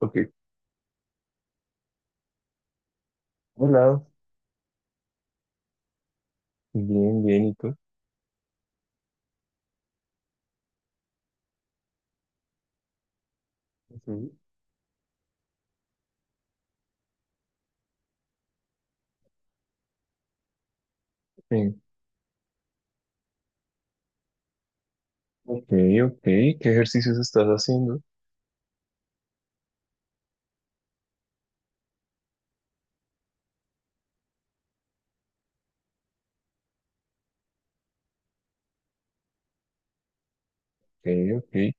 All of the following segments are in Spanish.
Ok. Hola. Bien, bien, ¿y tú? Ujú. Sí. Ok, ok. ¿Qué ejercicios estás haciendo? Ok, ok.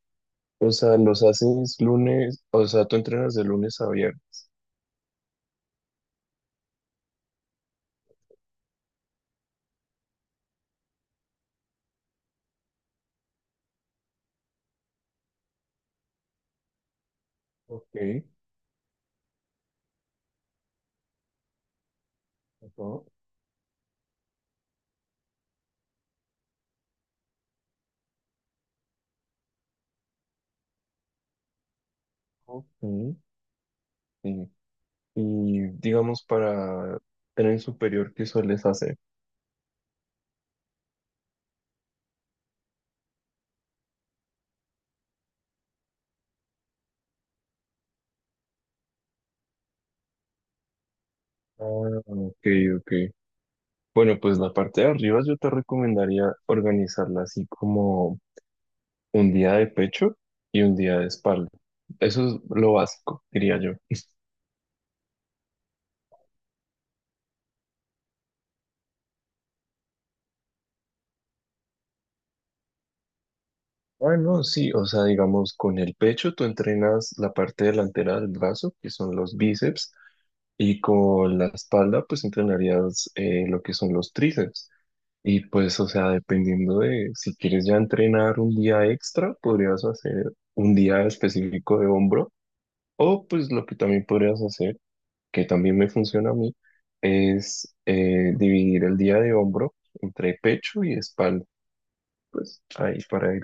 O sea, los haces lunes, o sea, tú entrenas de lunes a viernes. Ok. Ajá. Ok. Sí. Y digamos para tren superior, ¿qué sueles hacer? Ah, ok, ok. Bueno, pues la parte de arriba yo te recomendaría organizarla así como un día de pecho y un día de espalda. Eso es lo básico, diría yo. Bueno, sí, o sea, digamos, con el pecho tú entrenas la parte delantera del brazo, que son los bíceps, y con la espalda, pues entrenarías lo que son los tríceps. Y pues, o sea, dependiendo de si quieres ya entrenar un día extra, podrías hacer un día específico de hombro, o pues lo que también podrías hacer, que también me funciona a mí, es dividir el día de hombro entre pecho y espalda. Pues ahí para ir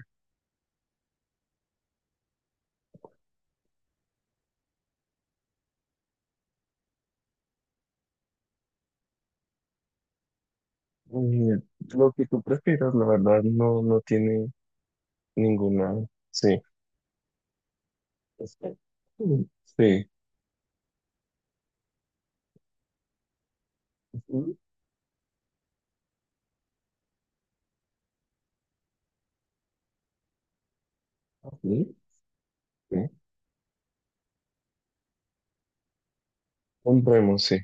Eh, lo que tú prefieras, la verdad, no, no tiene ninguna. Sí. Está- Sí. Sí. Ujú. Sí. Sí. Compremos, sí.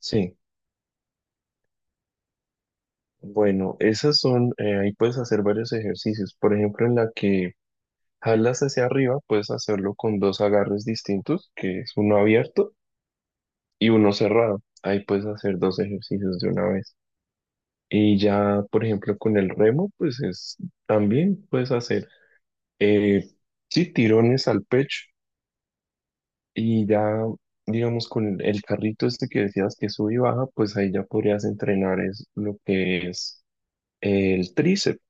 Sí. Bueno, esas son, ahí puedes hacer varios ejercicios. Por ejemplo, en la que jalas hacia arriba, puedes hacerlo con dos agarres distintos, que es uno abierto y uno cerrado. Ahí puedes hacer dos ejercicios de una vez. Y ya, por ejemplo, con el remo, pues es, también puedes hacer. Eh, sí, tirones al pecho. Y ya, digamos, con el carrito este que decías que sube y baja, pues ahí ya podrías entrenar es lo que es el tríceps,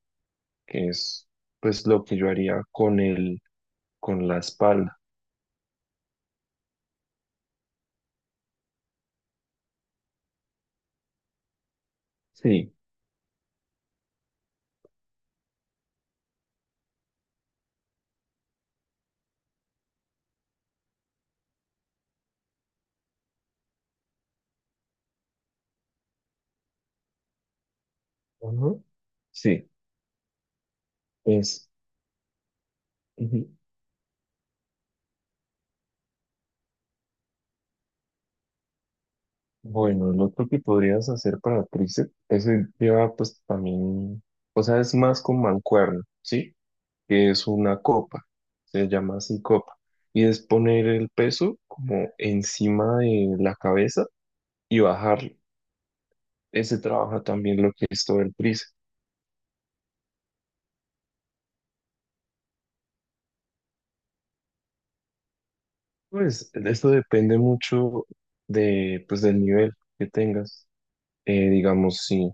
que es pues lo que yo haría con el, con la espalda. Sí. Ujú. Sí, es. Ujú. Bueno, el otro que podrías hacer para tríceps, ese lleva pues también, o sea, es más con mancuerna, ¿sí? Que es una copa, se llama así copa, y es poner el peso como encima de la cabeza y bajarlo. Ese trabaja también lo que es todo el tríceps. Pues esto depende mucho de, pues, del nivel que tengas. Digamos, sí,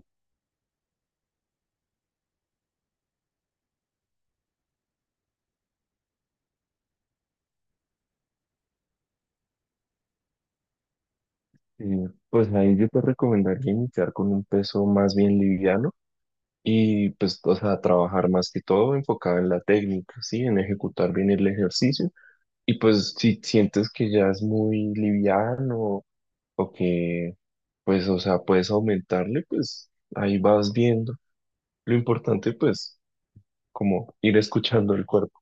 pues ahí yo te recomendaría iniciar con un peso más bien liviano y pues, o sea, trabajar más que todo enfocado en la técnica, ¿sí? En ejecutar bien el ejercicio. Y pues si sientes que ya es muy liviano o que pues o sea puedes aumentarle, pues ahí vas viendo. Lo importante pues como ir escuchando el cuerpo.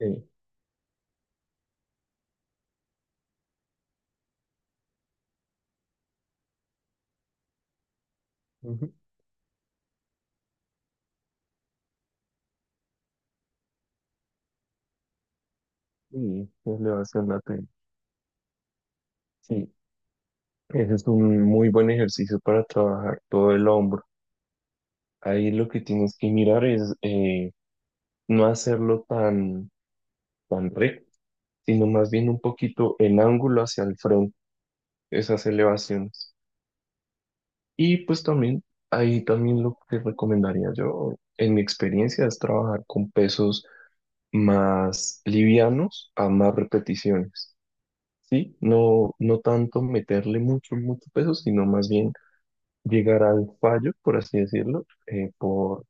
eh, Ujú. Y elevación lateral. Sí, ese es un muy buen ejercicio para trabajar todo el hombro. Ahí lo que tienes que mirar es no hacerlo tan, tan recto, sino más bien un poquito en ángulo hacia el frente, esas elevaciones. Y pues también, ahí también lo que recomendaría yo, en mi experiencia, es trabajar con pesos más livianos a más repeticiones, ¿sí? No, no tanto meterle mucho, mucho peso, sino más bien llegar al fallo, por así decirlo, por,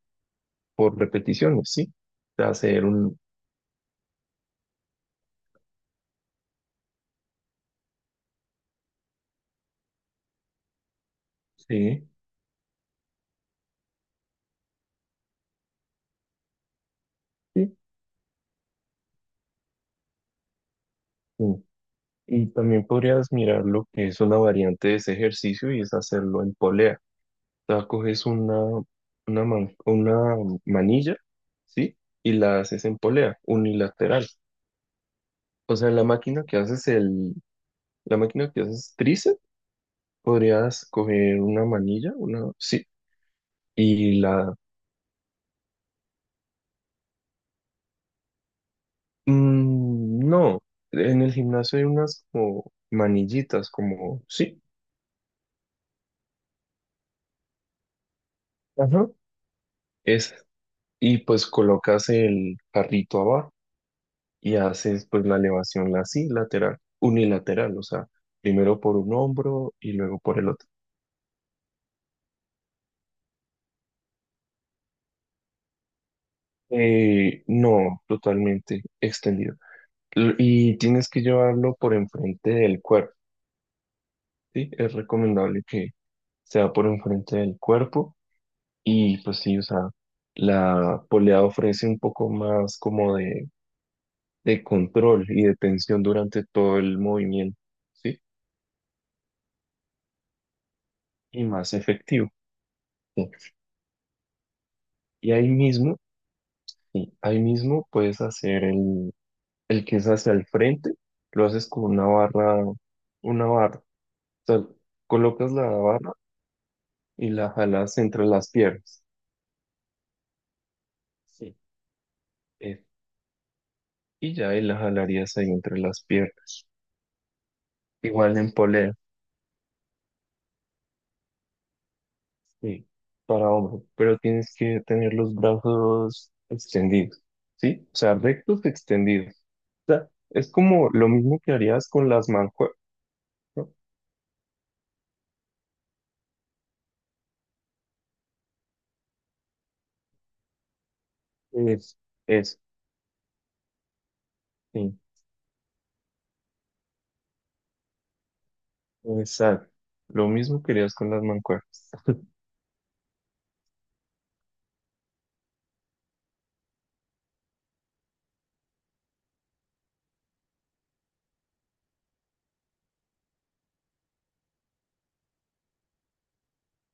por repeticiones, ¿sí? O hacer un... Sí, sí, sí. Y también podrías mirar lo que es una variante de ese ejercicio y es hacerlo en polea. Sea, coges una manilla, ¿sí? Y la haces en polea, unilateral. O sea, la máquina que haces el, la máquina que haces tríceps, podrías coger una manilla, una, sí, y la, no, en el gimnasio hay unas como manillitas, como, sí, ajá, es, y pues colocas el carrito abajo. Y haces pues la elevación así, lateral, unilateral, o sea, primero por un hombro y luego por el otro. No, totalmente extendido. Y tienes que llevarlo por enfrente del cuerpo, ¿sí? Es recomendable que sea por enfrente del cuerpo y pues sí, o sea, la polea ofrece un poco más como de control y de tensión durante todo el movimiento, ¿sí? Y más efectivo. ¿Sí? Y ahí mismo. Sí, ahí mismo puedes hacer el que es hacia el frente, lo haces con una barra, una barra. O sea, colocas la barra y la jalas entre las piernas. Sí. Eh, y ya ahí la jalarías ahí entre las piernas. Igual en polea, sí, para hombro, pero tienes que tener los brazos extendidos, ¿sí? O sea, rectos extendidos. O sea, es como lo mismo que harías con las mancuernas, ¿no? Es, es. Sí. Exacto. Lo mismo querías con las mancuernas.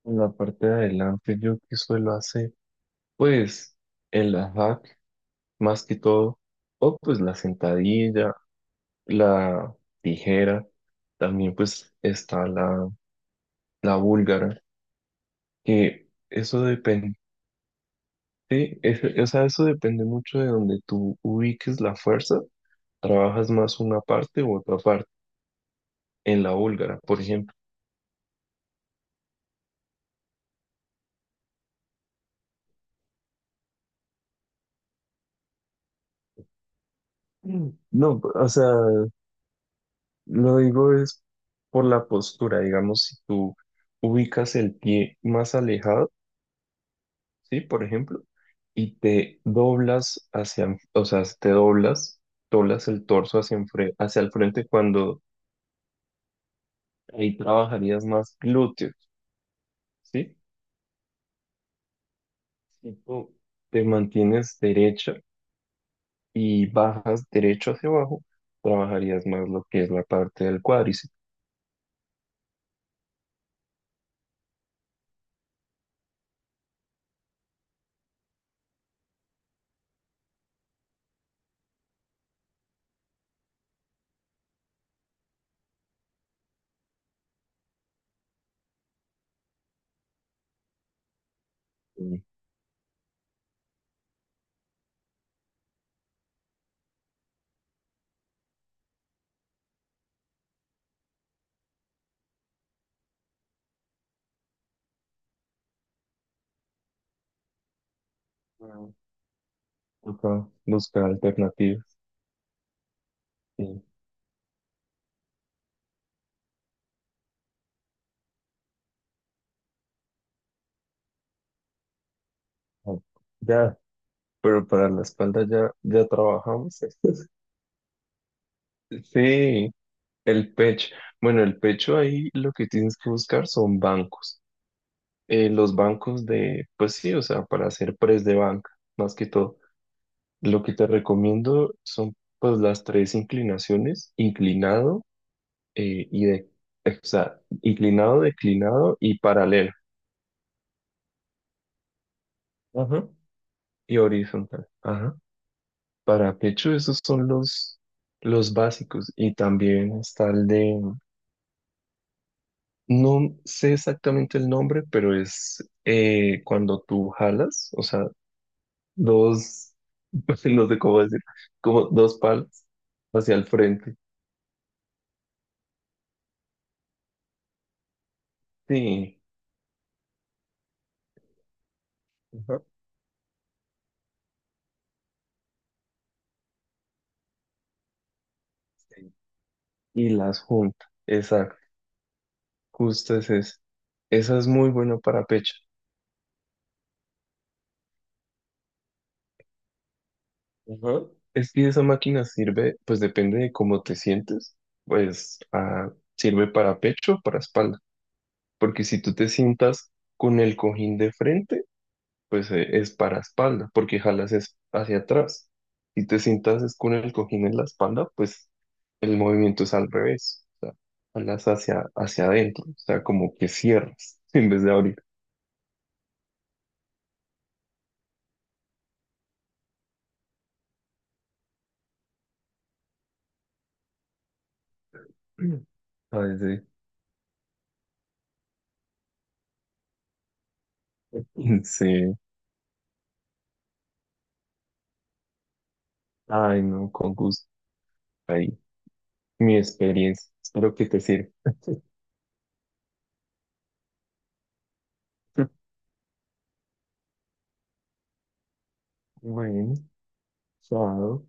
En la parte de adelante yo que suelo hacer, pues el hack más que todo, o pues la sentadilla, la tijera, también pues está la búlgara, que eso depende, sí, o sea, eso depende mucho de donde tú ubiques la fuerza, trabajas más una parte u otra parte, en la búlgara, por ejemplo. Mm. No, o sea, lo digo es por la postura, digamos, si tú ubicas el pie más alejado, ¿sí? Por ejemplo, y te doblas hacia, o sea, te doblas, doblas el torso hacia, hacia el frente cuando ahí trabajarías más glúteos, ¿sí? Si tú te mantienes derecha y bajas derecho hacia abajo, trabajarías más lo que es la parte del cuádriceps. Sí. Ah, toca buscar alternativas. Sí. Ya. Pero para la espalda ya, ya trabajamos. Esto. Sí, el pecho. Bueno, el pecho ahí lo que tienes que buscar son bancos. Los bancos de, pues sí, o sea, para hacer press de banca, más que todo. Lo que te recomiendo son pues las tres inclinaciones, inclinado eh, y de, o sea, inclinado, declinado y paralelo. Ajá. Y horizontal. Ajá. Para pecho, esos son los básicos. Y también está el de... No sé exactamente el nombre, pero es cuando tú jalas, o sea, dos, no sé cómo decir, como dos palas hacia el frente. Sí, ajá. Sí. Y las juntas. Exacto, justo es esa. Esa es muy buena para pecho. Ajá. Es que esa máquina sirve, pues depende de cómo te sientes, pues sirve para pecho o para espalda. Porque si tú te sientas con el cojín de frente, pues es para espalda, porque jalas es hacia atrás. Si te sientas es con el cojín en la espalda, pues el movimiento es al revés, o sea, jalas hacia, hacia adentro, o sea, como que cierras en vez de abrir. Ay, sí. Sí. Ay, no, con gusto. Ahí, mi experiencia. Espero que te sirva. Bueno, chao.